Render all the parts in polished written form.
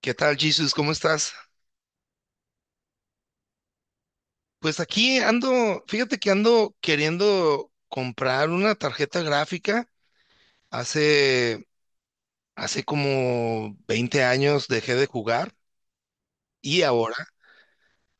¿Qué tal, Jesus? ¿Cómo estás? Pues aquí ando, fíjate que ando queriendo comprar una tarjeta gráfica. Hace, hace como 20 años dejé de jugar y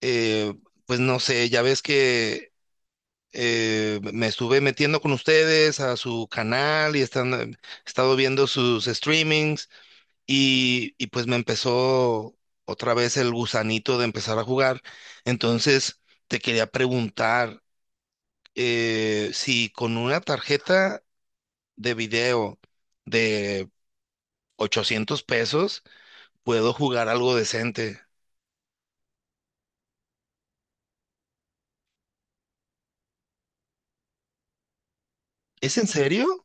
eh, pues no sé, ya ves que me estuve metiendo con ustedes a su canal y he estado viendo sus streamings y pues me empezó otra vez el gusanito de empezar a jugar. Entonces, te quería preguntar. Si con una tarjeta de video de $800 puedo jugar algo decente. ¿Es en serio?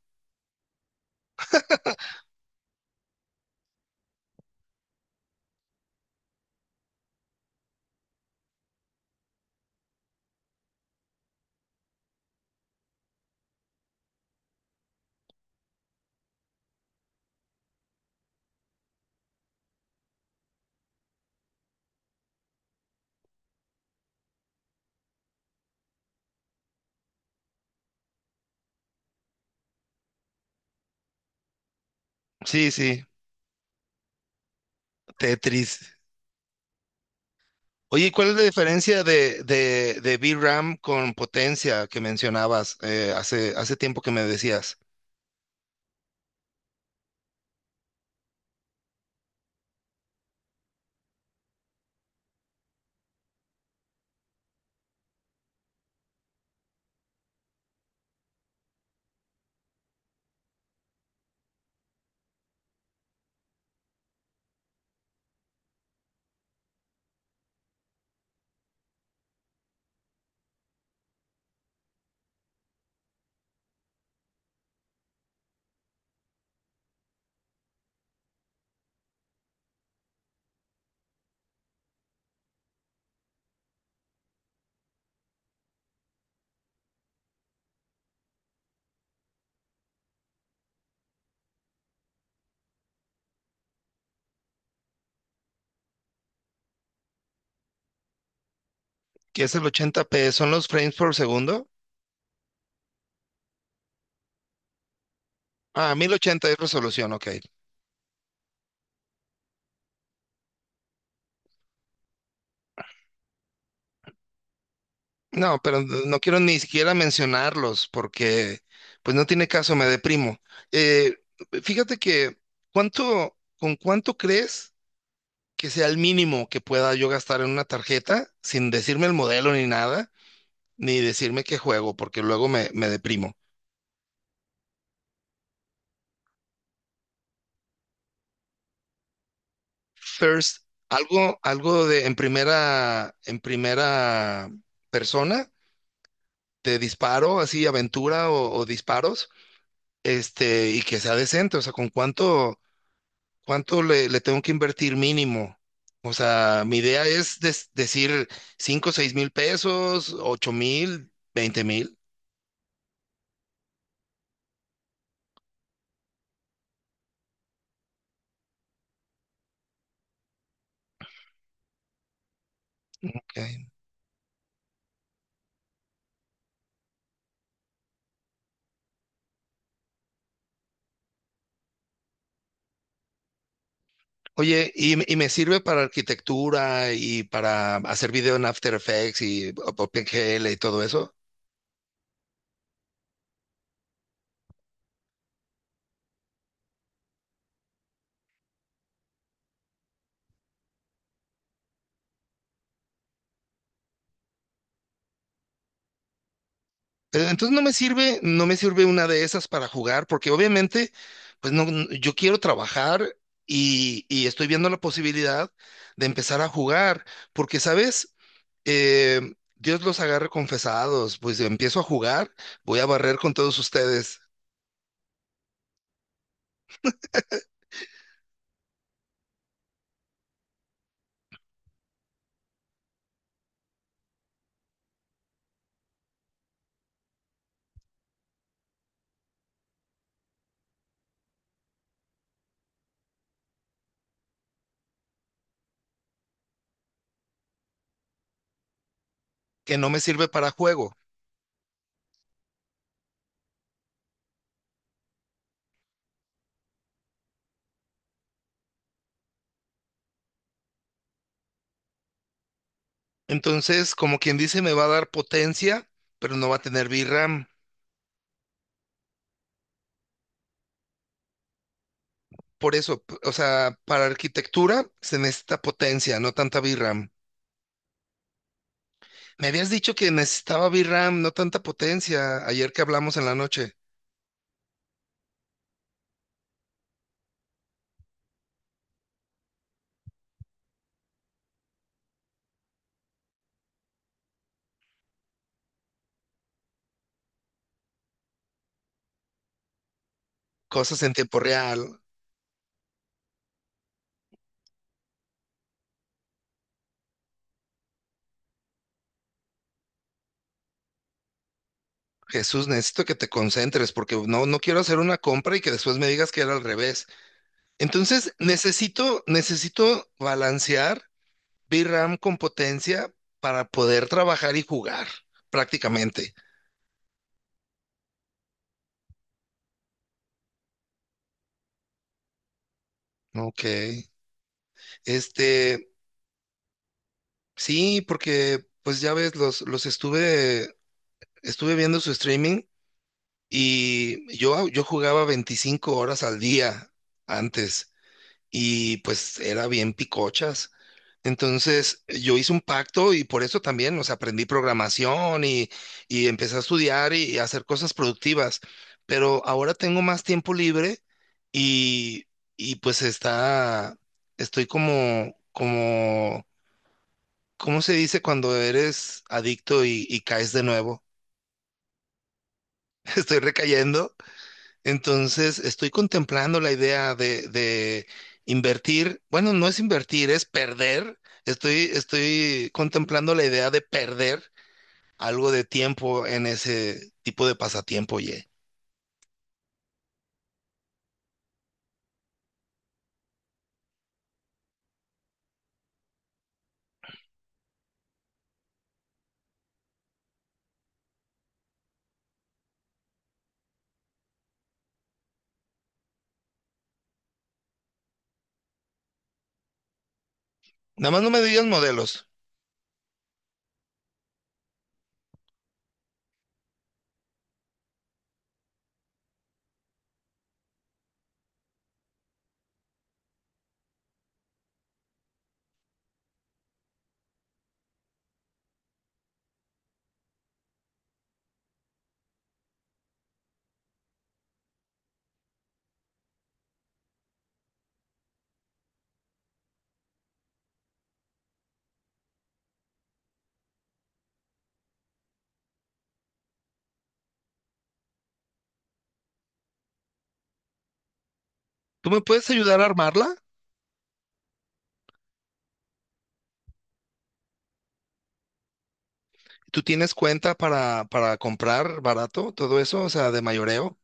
Sí, sí, Tetris. Oye, ¿y ¿cuál es la diferencia de, de VRAM con potencia que mencionabas hace tiempo que me decías? ¿Qué es el 80p? ¿Son los frames por segundo? Ah, 1080 es resolución, ok. No, pero no quiero ni siquiera mencionarlos porque pues no tiene caso, me deprimo. Eh, Fíjate que ¿con cuánto crees que sea el mínimo que pueda yo gastar en una tarjeta sin decirme el modelo ni nada, ni decirme qué juego, porque me deprimo? First, algo de en primera persona, de disparo, así aventura o disparos, este, y que sea decente, o sea, con cuánto. ¿Cuánto le tengo que invertir mínimo? O sea, mi idea es decir 5, 6000 pesos, 8000, 20 000. Ok. Oye, y me sirve para arquitectura y para hacer video en After Effects y OpenGL y todo eso. Entonces no me sirve, no me sirve una de esas para jugar, porque obviamente, pues no, yo quiero trabajar y estoy viendo la posibilidad de empezar a jugar, porque, ¿sabes? Eh, Dios los agarre confesados, pues empiezo a jugar, voy a barrer con todos ustedes, que no me sirve para juego. Entonces, como quien dice, me va a dar potencia, pero no va a tener VRAM. Por eso, o sea, para arquitectura se necesita potencia, no tanta VRAM. Me habías dicho que necesitaba VRAM, no tanta potencia, ayer que hablamos en la noche. Cosas en tiempo real. Jesús, necesito que te concentres porque no, no quiero hacer una compra y que después me digas que era al revés. Entonces, necesito balancear VRAM con potencia para poder trabajar y jugar, prácticamente. ¿No? Ok. Este, sí, porque pues ya ves, estuve viendo su streaming y yo jugaba 25 horas al día antes. Y pues era bien picochas. Entonces yo hice un pacto y por eso también, o sea, aprendí programación y empecé a estudiar y a hacer cosas productivas. Pero ahora tengo más tiempo libre y, y pues estoy como, ¿cómo se dice cuando eres adicto y caes de nuevo? Estoy recayendo. Entonces, estoy contemplando la idea de invertir. Bueno, no es invertir, es perder. Estoy contemplando la idea de perder algo de tiempo en ese tipo de pasatiempo, oye. Nada más no me digas modelos. ¿Tú me puedes ayudar a armarla? ¿Tú tienes cuenta para comprar barato todo eso? O sea, de mayoreo.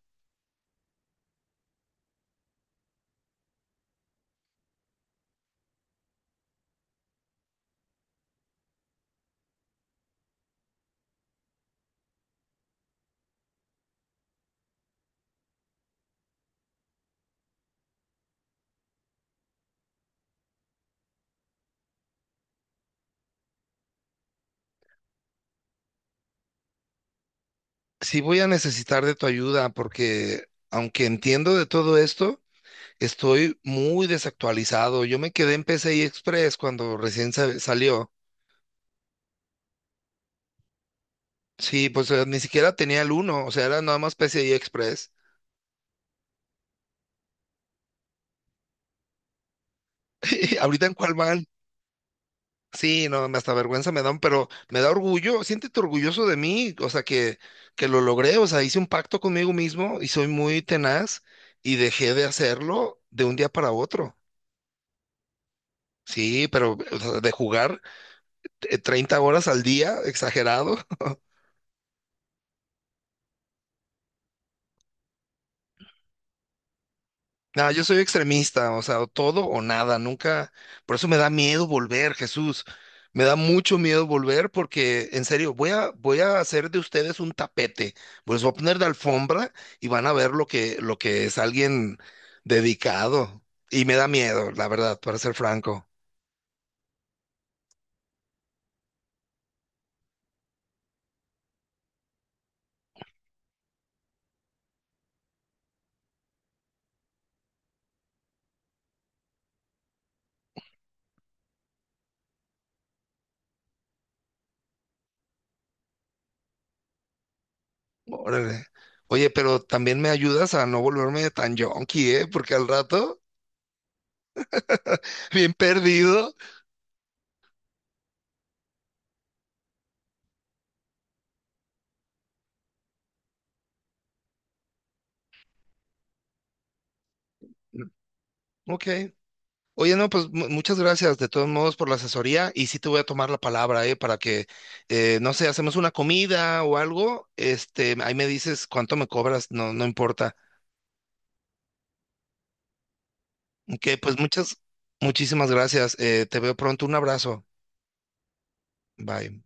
Sí voy a necesitar de tu ayuda porque aunque entiendo de todo esto, estoy muy desactualizado. Yo me quedé en PCI Express cuando recién salió. Sí, pues ni siquiera tenía el uno. O sea, era nada más PCI Express. ¿Ahorita en cuál van? Sí, no, me hasta vergüenza me dan, pero me da orgullo. Siéntete orgulloso de mí, o sea, que lo logré, o sea, hice un pacto conmigo mismo y soy muy tenaz y dejé de hacerlo de un día para otro. Sí, pero o sea, de jugar 30 horas al día, exagerado. No, yo soy extremista, o sea, o todo o nada, nunca, por eso me da miedo volver, Jesús, me da mucho miedo volver porque, en serio, voy a hacer de ustedes un tapete, pues voy a poner de alfombra y van a ver lo que es alguien dedicado, y me da miedo, la verdad, para ser franco, órale. Oye, pero también me ayudas a no volverme tan yonki, ¿eh? Porque al rato, bien perdido. Ok. Oye, no, pues muchas gracias de todos modos por la asesoría y sí te voy a tomar la palabra, para que, no sé, hacemos una comida o algo, este, ahí me dices cuánto me cobras, no, no importa. Ok, muchísimas gracias, te veo pronto, un abrazo, bye.